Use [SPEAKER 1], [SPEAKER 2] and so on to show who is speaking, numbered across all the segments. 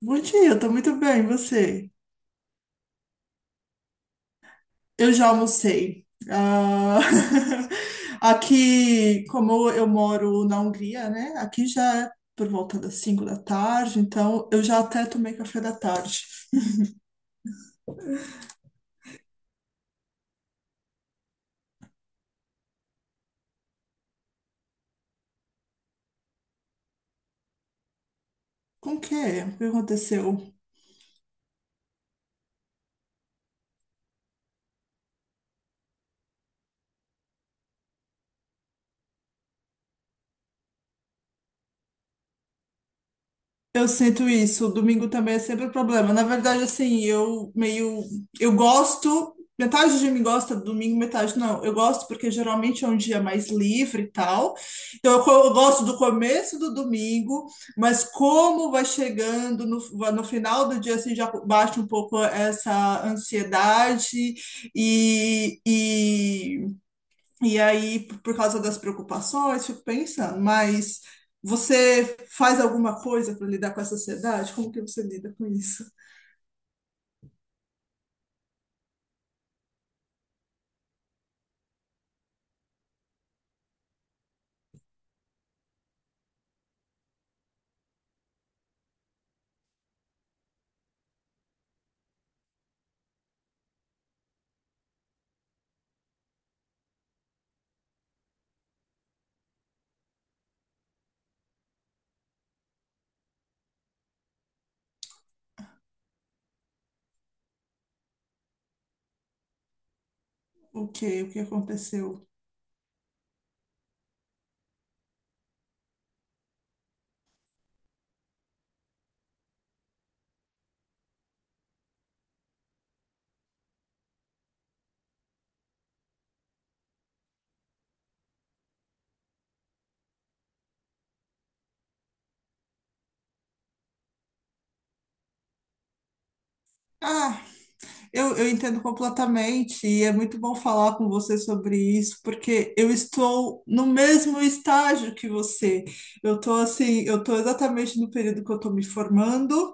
[SPEAKER 1] Bom dia, eu tô muito bem, e você? Eu já almocei. Ah, aqui, como eu moro na Hungria, né? Aqui já é por volta das 5 da tarde, então eu já até tomei café da tarde. Com o quê? O que aconteceu? Eu sinto isso. O domingo também é sempre o problema. Na verdade, assim, eu meio. Eu gosto. Metade de mim gosta do domingo, metade não. Eu gosto porque geralmente é um dia mais livre e tal. Então, eu, eu gosto do começo do domingo, mas como vai chegando no final do dia, assim, já bate um pouco essa ansiedade e, e e aí, por causa das preocupações, fico pensando, mas você faz alguma coisa para lidar com essa ansiedade? Como que você lida com isso? O que aconteceu? Ah, eu entendo completamente, e é muito bom falar com você sobre isso, porque eu estou no mesmo estágio que você. Eu estou assim, eu estou exatamente no período que eu estou me formando.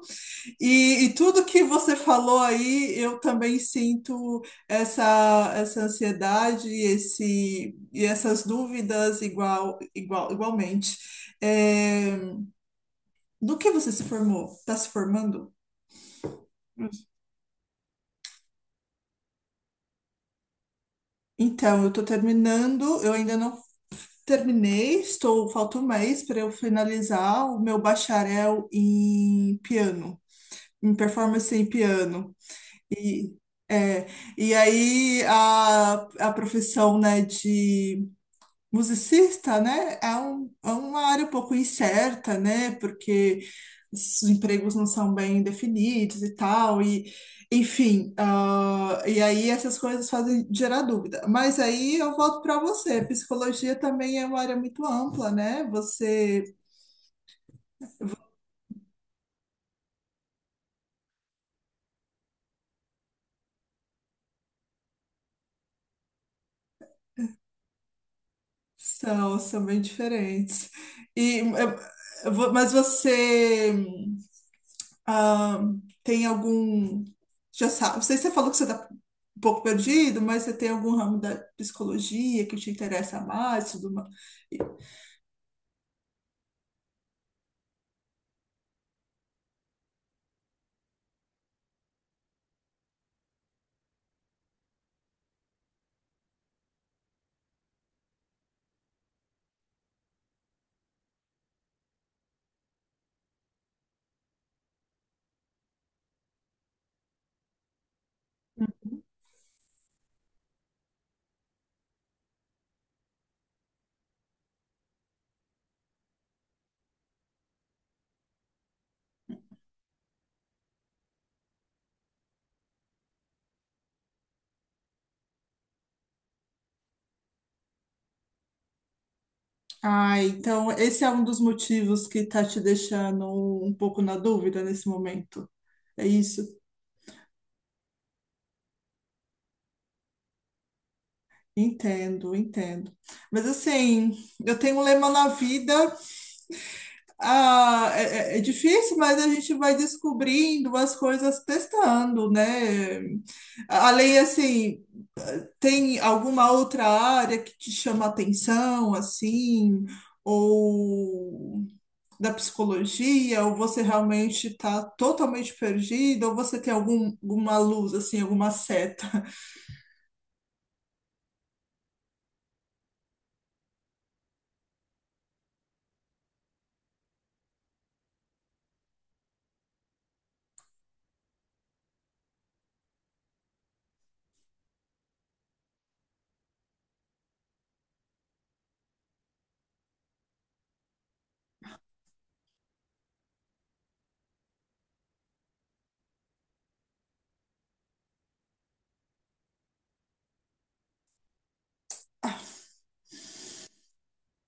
[SPEAKER 1] E tudo que você falou aí, eu também sinto essa ansiedade e essas dúvidas igualmente. É, no que você se formou? Está se formando? Então, eu estou terminando, eu ainda não terminei, estou, falta um mês para eu finalizar o meu bacharel em piano, em performance em piano. E, é, e aí a profissão, né, de musicista, né, é, um, é uma área um pouco incerta, né, porque os empregos não são bem definidos e tal, e enfim, e aí essas coisas fazem gerar dúvida. Mas aí eu volto para você, psicologia também é uma área muito ampla, né, você... São, são bem diferentes. E, mas você ah, tem algum. Já sabe, não sei se você falou que você está um pouco perdido, mas você tem algum ramo da psicologia que te interessa mais? Tudo mais? Ah, então esse é um dos motivos que está te deixando um pouco na dúvida nesse momento. É isso? Entendo, entendo. Mas assim, eu tenho um lema na vida. Ah, é, é difícil, mas a gente vai descobrindo as coisas testando, né? Além, assim, tem alguma outra área que te chama atenção, assim, ou da psicologia, ou você realmente está totalmente perdido, ou você tem algum, alguma luz, assim, alguma seta?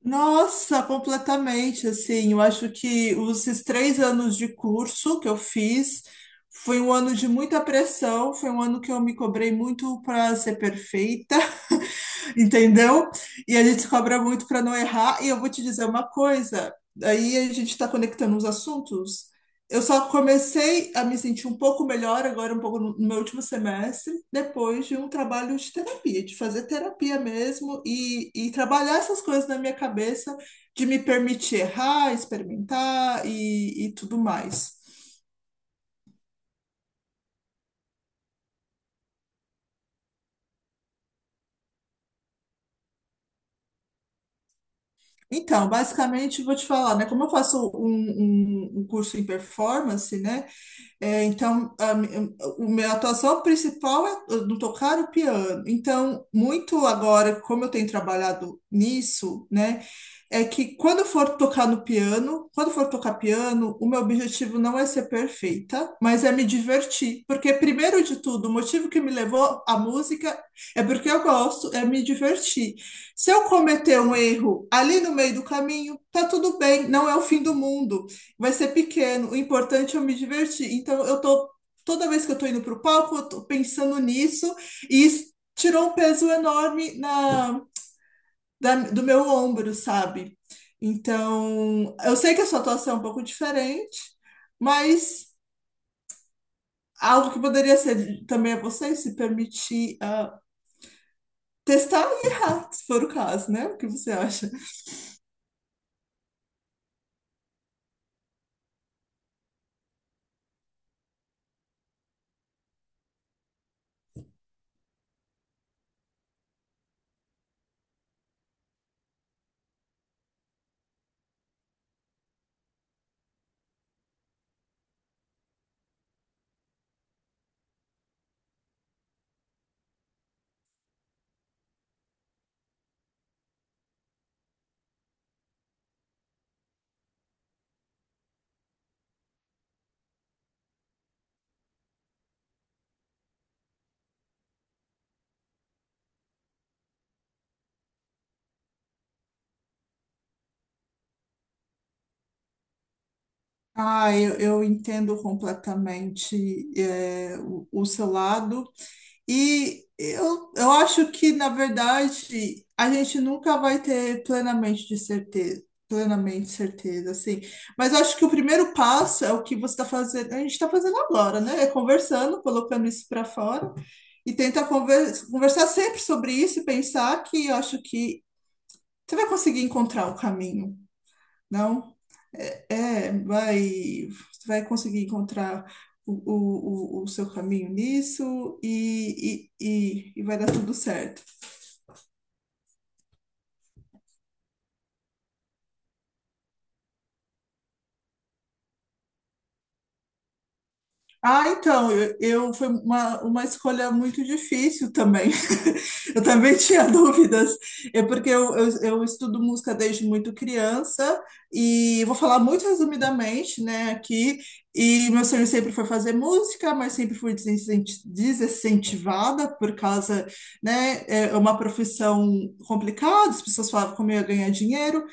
[SPEAKER 1] Nossa, completamente, assim, eu acho que os esses 3 anos de curso que eu fiz foi um ano de muita pressão, foi um ano que eu me cobrei muito para ser perfeita, entendeu? E a gente se cobra muito para não errar. E eu vou te dizer uma coisa, aí a gente está conectando os assuntos. Eu só comecei a me sentir um pouco melhor agora, um pouco no meu último semestre, depois de um trabalho de terapia, de fazer terapia mesmo, e trabalhar essas coisas na minha cabeça, de me permitir errar, experimentar e tudo mais. Então, basicamente, vou te falar, né? Como eu faço um curso em performance, né? É, então, a, mi- o meu- a atuação principal é no tocar o piano. Então, muito agora, como eu tenho trabalhado nisso, né? É que quando eu for tocar no piano, quando eu for tocar piano, o meu objetivo não é ser perfeita, mas é me divertir. Porque, primeiro de tudo, o motivo que me levou à música é porque eu gosto, é me divertir. Se eu cometer um erro ali no meio do caminho, tá tudo bem, não é o fim do mundo, vai ser pequeno. O importante é eu me divertir. Então, eu tô. Toda vez que eu tô indo pro palco, eu tô pensando nisso, e isso tirou um peso enorme do meu ombro, sabe? Então, eu sei que a sua atuação é um pouco diferente, mas algo que poderia ser também a você é se permitir testar e errar, se for o caso, né? O que você acha? Ah, eu entendo completamente, é, o seu lado. E eu acho que, na verdade, a gente nunca vai ter plenamente de certeza, plenamente certeza, assim. Mas eu acho que o primeiro passo é o que você está fazendo, a gente está fazendo agora, né? É conversando, colocando isso para fora e tentar conversar sempre sobre isso, e pensar que eu acho que você vai conseguir encontrar o caminho, não? É, vai, conseguir encontrar o seu caminho nisso e vai dar tudo certo. Ah, então, eu, foi uma escolha muito difícil também. Eu também tinha dúvidas. É porque eu, eu estudo música desde muito criança, e vou falar muito resumidamente, né, aqui. E meu sonho sempre foi fazer música, mas sempre fui desincentivada por causa, né, é uma profissão complicada, as pessoas falavam como eu ia ganhar dinheiro.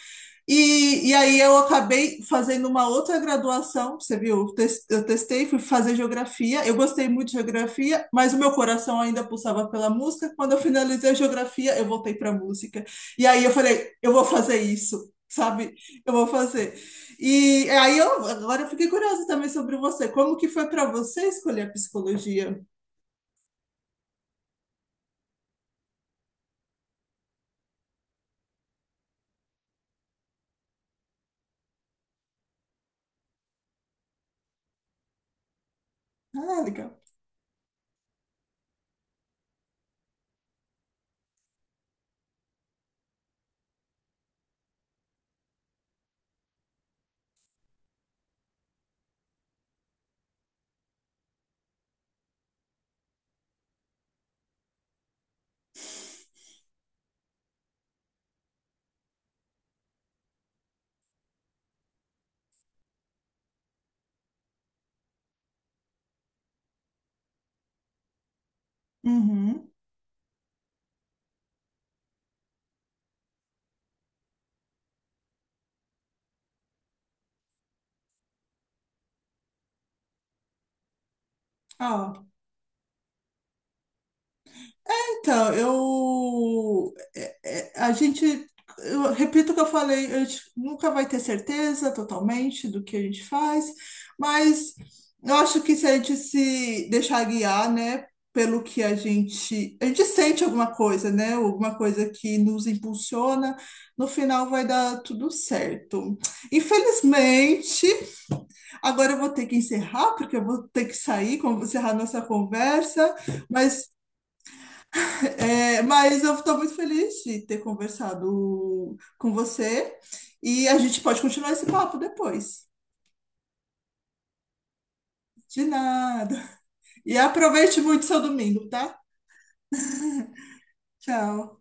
[SPEAKER 1] Aí eu acabei fazendo uma outra graduação, você viu? Eu testei, fui fazer geografia. Eu gostei muito de geografia, mas o meu coração ainda pulsava pela música. Quando eu finalizei a geografia, eu voltei para a música. E aí eu falei, eu vou fazer isso, sabe? Eu vou fazer. E aí eu agora eu fiquei curiosa também sobre você. Como que foi para você escolher a psicologia? Ah, legal. Uhum. Ah, então, eu. A gente. Eu repito o que eu falei, a gente nunca vai ter certeza totalmente do que a gente faz, mas eu acho que se a gente se deixar guiar, né, pelo que a gente. A gente sente alguma coisa, né, alguma coisa que nos impulsiona, no final vai dar tudo certo. Infelizmente, agora eu vou ter que encerrar, porque eu vou ter que sair, como encerrar nossa conversa. Mas mas eu estou muito feliz de ter conversado com você, e a gente pode continuar esse papo depois. De nada. E aproveite muito seu domingo, tá? Tchau.